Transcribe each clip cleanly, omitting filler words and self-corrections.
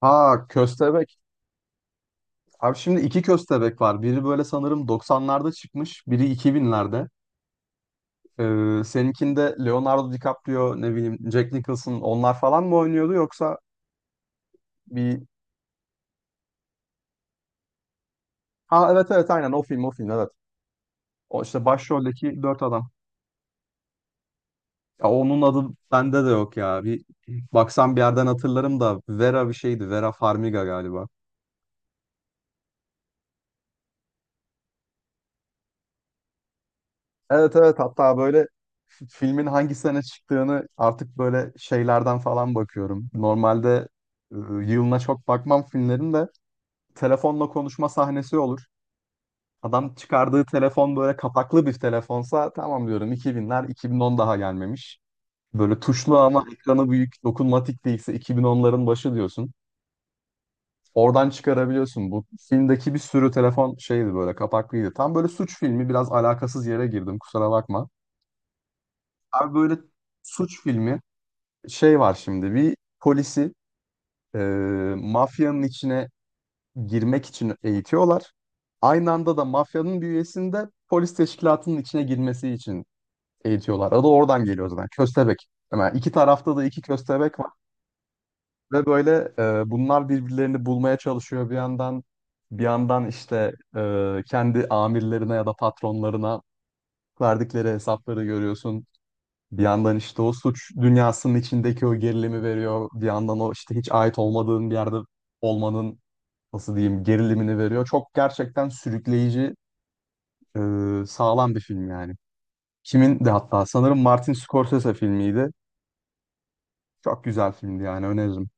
Ha köstebek. Abi şimdi iki köstebek var. Biri böyle sanırım 90'larda çıkmış. Biri 2000'lerde. Seninkinde Leonardo DiCaprio, ne bileyim Jack Nicholson onlar falan mı oynuyordu yoksa bir... Ha evet, aynen o film, evet. O işte başroldeki dört adam. Ya onun adı bende de yok ya. Bir baksam bir yerden hatırlarım da Vera bir şeydi. Vera Farmiga galiba. Evet evet, hatta böyle filmin hangi sene çıktığını artık böyle şeylerden falan bakıyorum. Normalde e, yılına çok bakmam filmlerin de telefonla konuşma sahnesi olur. Adam çıkardığı telefon böyle kapaklı bir telefonsa tamam diyorum, 2000'ler, 2010 daha gelmemiş. Böyle tuşlu ama ekranı büyük dokunmatik değilse 2010'ların başı diyorsun. Oradan çıkarabiliyorsun. Bu filmdeki bir sürü telefon şeydi, böyle kapaklıydı. Tam böyle suç filmi, biraz alakasız yere girdim, kusura bakma. Abi böyle suç filmi şey var şimdi, bir polisi e, mafyanın içine girmek için eğitiyorlar. Aynı anda da mafyanın bir üyesini de polis teşkilatının içine girmesi için eğitiyorlar. Adı oradan geliyor zaten. Köstebek. Hemen iki tarafta da iki köstebek var ve böyle bunlar birbirlerini bulmaya çalışıyor bir yandan. Bir yandan işte kendi amirlerine ya da patronlarına verdikleri hesapları görüyorsun. Bir yandan işte o suç dünyasının içindeki o gerilimi veriyor. Bir yandan o işte hiç ait olmadığın bir yerde olmanın, nasıl diyeyim, gerilimini veriyor. Çok gerçekten sürükleyici, e, sağlam bir film yani. Kimin de hatta, sanırım Martin Scorsese filmiydi. Çok güzel filmdi yani, öneririm.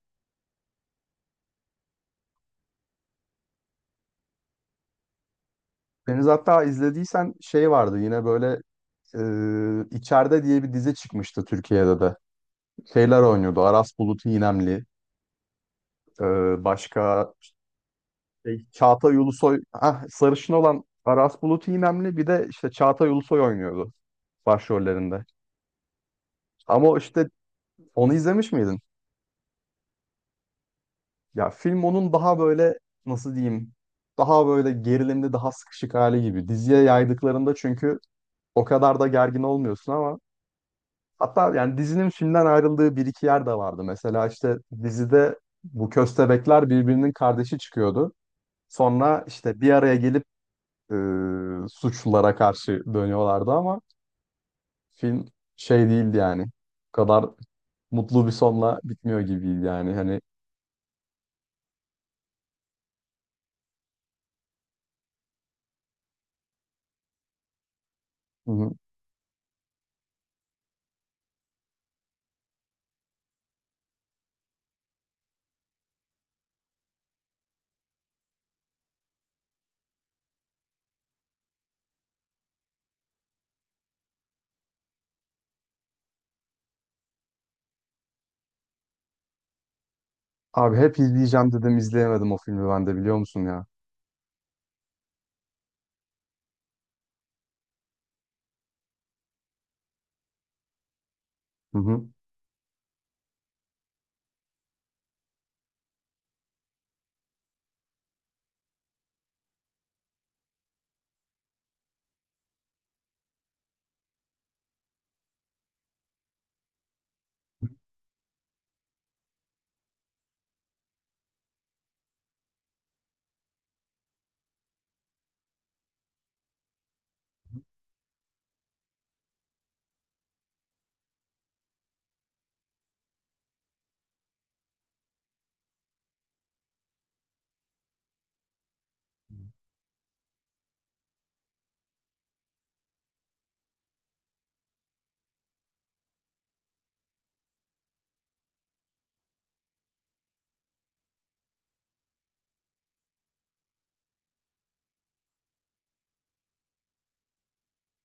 Deniz hatta izlediysen şey vardı yine böyle, İçeride diye bir dizi çıkmıştı Türkiye'de de. Şeyler oynuyordu. Aras Bulut İynemli. E, başka Şey, Çağatay Ulusoy, ah, sarışın olan Aras Bulut İynemli, bir de işte Çağatay Ulusoy oynuyordu başrollerinde. Ama işte onu izlemiş miydin? Ya film onun daha böyle, nasıl diyeyim, daha böyle gerilimli, daha sıkışık hali gibi. Diziye yaydıklarında çünkü o kadar da gergin olmuyorsun. Ama hatta yani dizinin filmden ayrıldığı bir iki yer de vardı. Mesela işte dizide bu köstebekler birbirinin kardeşi çıkıyordu. Sonra işte bir araya gelip e, suçlulara karşı dönüyorlardı. Ama film şey değildi yani. Bu kadar mutlu bir sonla bitmiyor gibiydi yani. Hani hı hı. Abi hep izleyeceğim dedim, izleyemedim o filmi ben de, biliyor musun ya? Hı hı.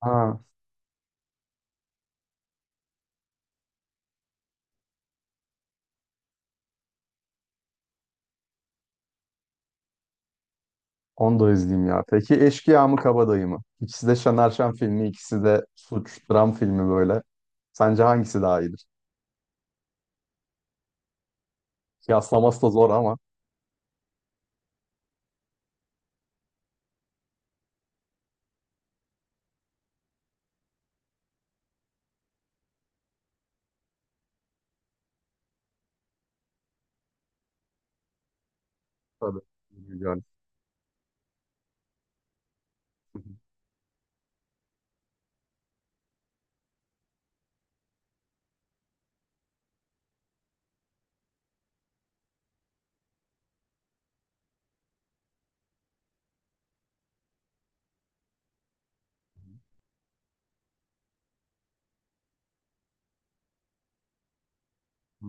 Ha, onu da izleyeyim ya. Peki Eşkıya mı Kabadayı mı? İkisi de Şener Şen filmi, ikisi de suç, dram filmi böyle. Sence hangisi daha iyidir? Kıyaslaması da zor ama. Tabii. Uğur Yücel. Hı hı.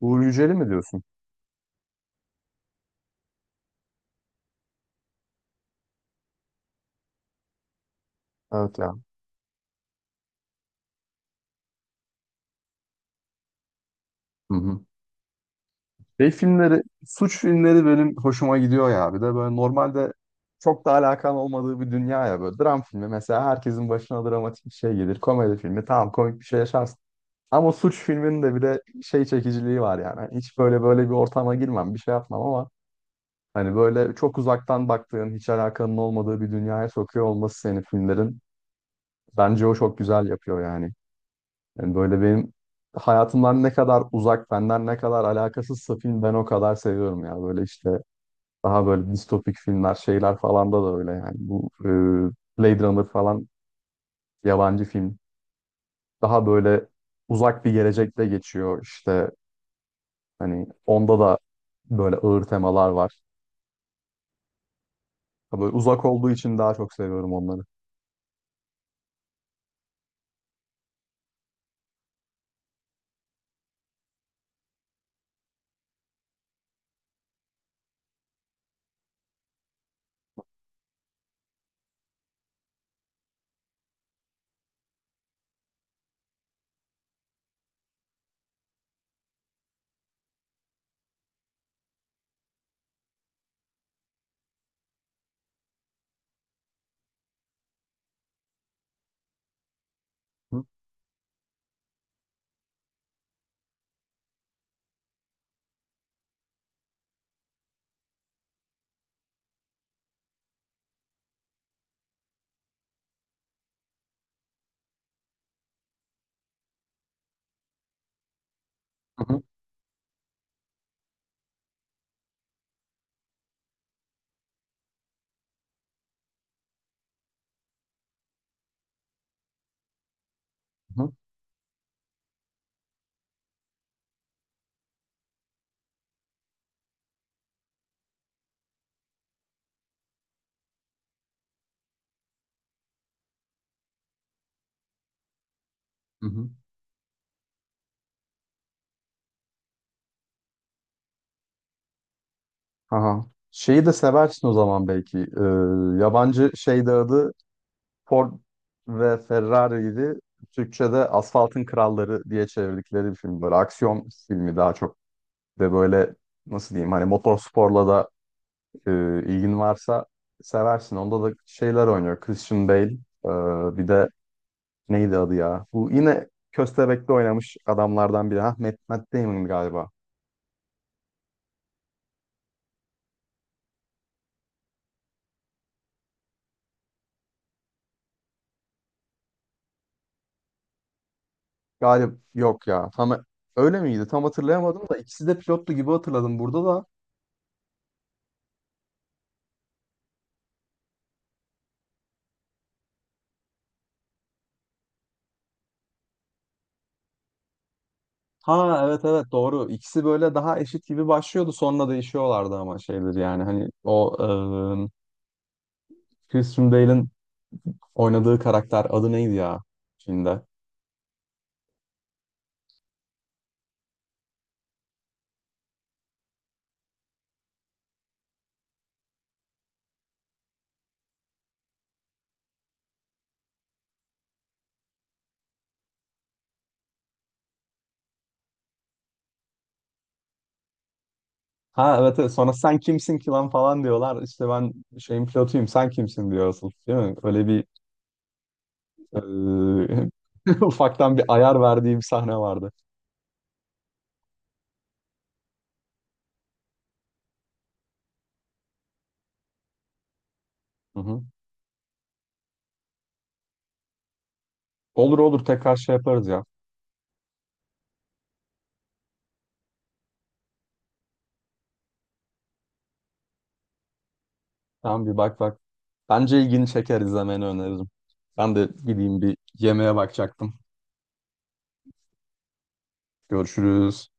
Uğur Yücel'i mi diyorsun? Evet ya. Hı hı. Şey filmleri, suç filmleri benim hoşuma gidiyor ya. Bir de böyle normalde çok da alakan olmadığı bir dünya ya böyle. Dram filmi mesela, herkesin başına dramatik bir şey gelir. Komedi filmi tamam, komik bir şey yaşarsın. Ama suç filminin de bir de şey çekiciliği var yani. Hani hiç böyle bir ortama girmem, bir şey yapmam, ama hani böyle çok uzaktan baktığın, hiç alakanın olmadığı bir dünyaya sokuyor olması senin filmlerin. Bence o çok güzel yapıyor yani. Yani böyle benim hayatımdan ne kadar uzak, benden ne kadar alakasızsa film, ben o kadar seviyorum ya. Böyle işte daha böyle distopik filmler, şeyler falan da öyle yani. Bu Blade Runner falan, yabancı film. Daha böyle uzak bir gelecekte geçiyor işte. Hani onda da böyle ağır temalar var. Ha, böyle uzak olduğu için daha çok seviyorum onları. Hı hı, hı hı. Hı. Aha. Şeyi de seversin o zaman belki. Yabancı şeyde adı Ford ve Ferrari'ydi. Türkçe'de Asfaltın Kralları diye çevirdikleri bir film. Böyle aksiyon filmi daha çok. De böyle, nasıl diyeyim, hani motorsporla da e, ilgin varsa seversin. Onda da şeyler oynuyor. Christian Bale, bir de neydi adı ya? Bu yine Köstebek'te oynamış adamlardan biri. Ha, Matt Damon galiba. Galip yok ya. Tam öyle miydi? Tam hatırlayamadım da ikisi de pilotlu gibi hatırladım burada da. Ha evet evet, doğru. İkisi böyle daha eşit gibi başlıyordu. Sonra değişiyorlardı ama şeydir yani hani o e, Christian Bale'in oynadığı karakter adı neydi ya filmde? Ha evet, evet sonra sen kimsin ki lan falan diyorlar. İşte ben şeyin pilotuyum, sen kimsin diyor asıl, değil mi? Öyle bir... Ee, ufaktan bir ayar verdiğim sahne vardı. Hı hı. Olur olur, tekrar şey yaparız ya. Tamam, bir bak bak. Bence ilgini çeker, izlemeni öneririm. Ben de gideyim, bir yemeğe bakacaktım. Görüşürüz.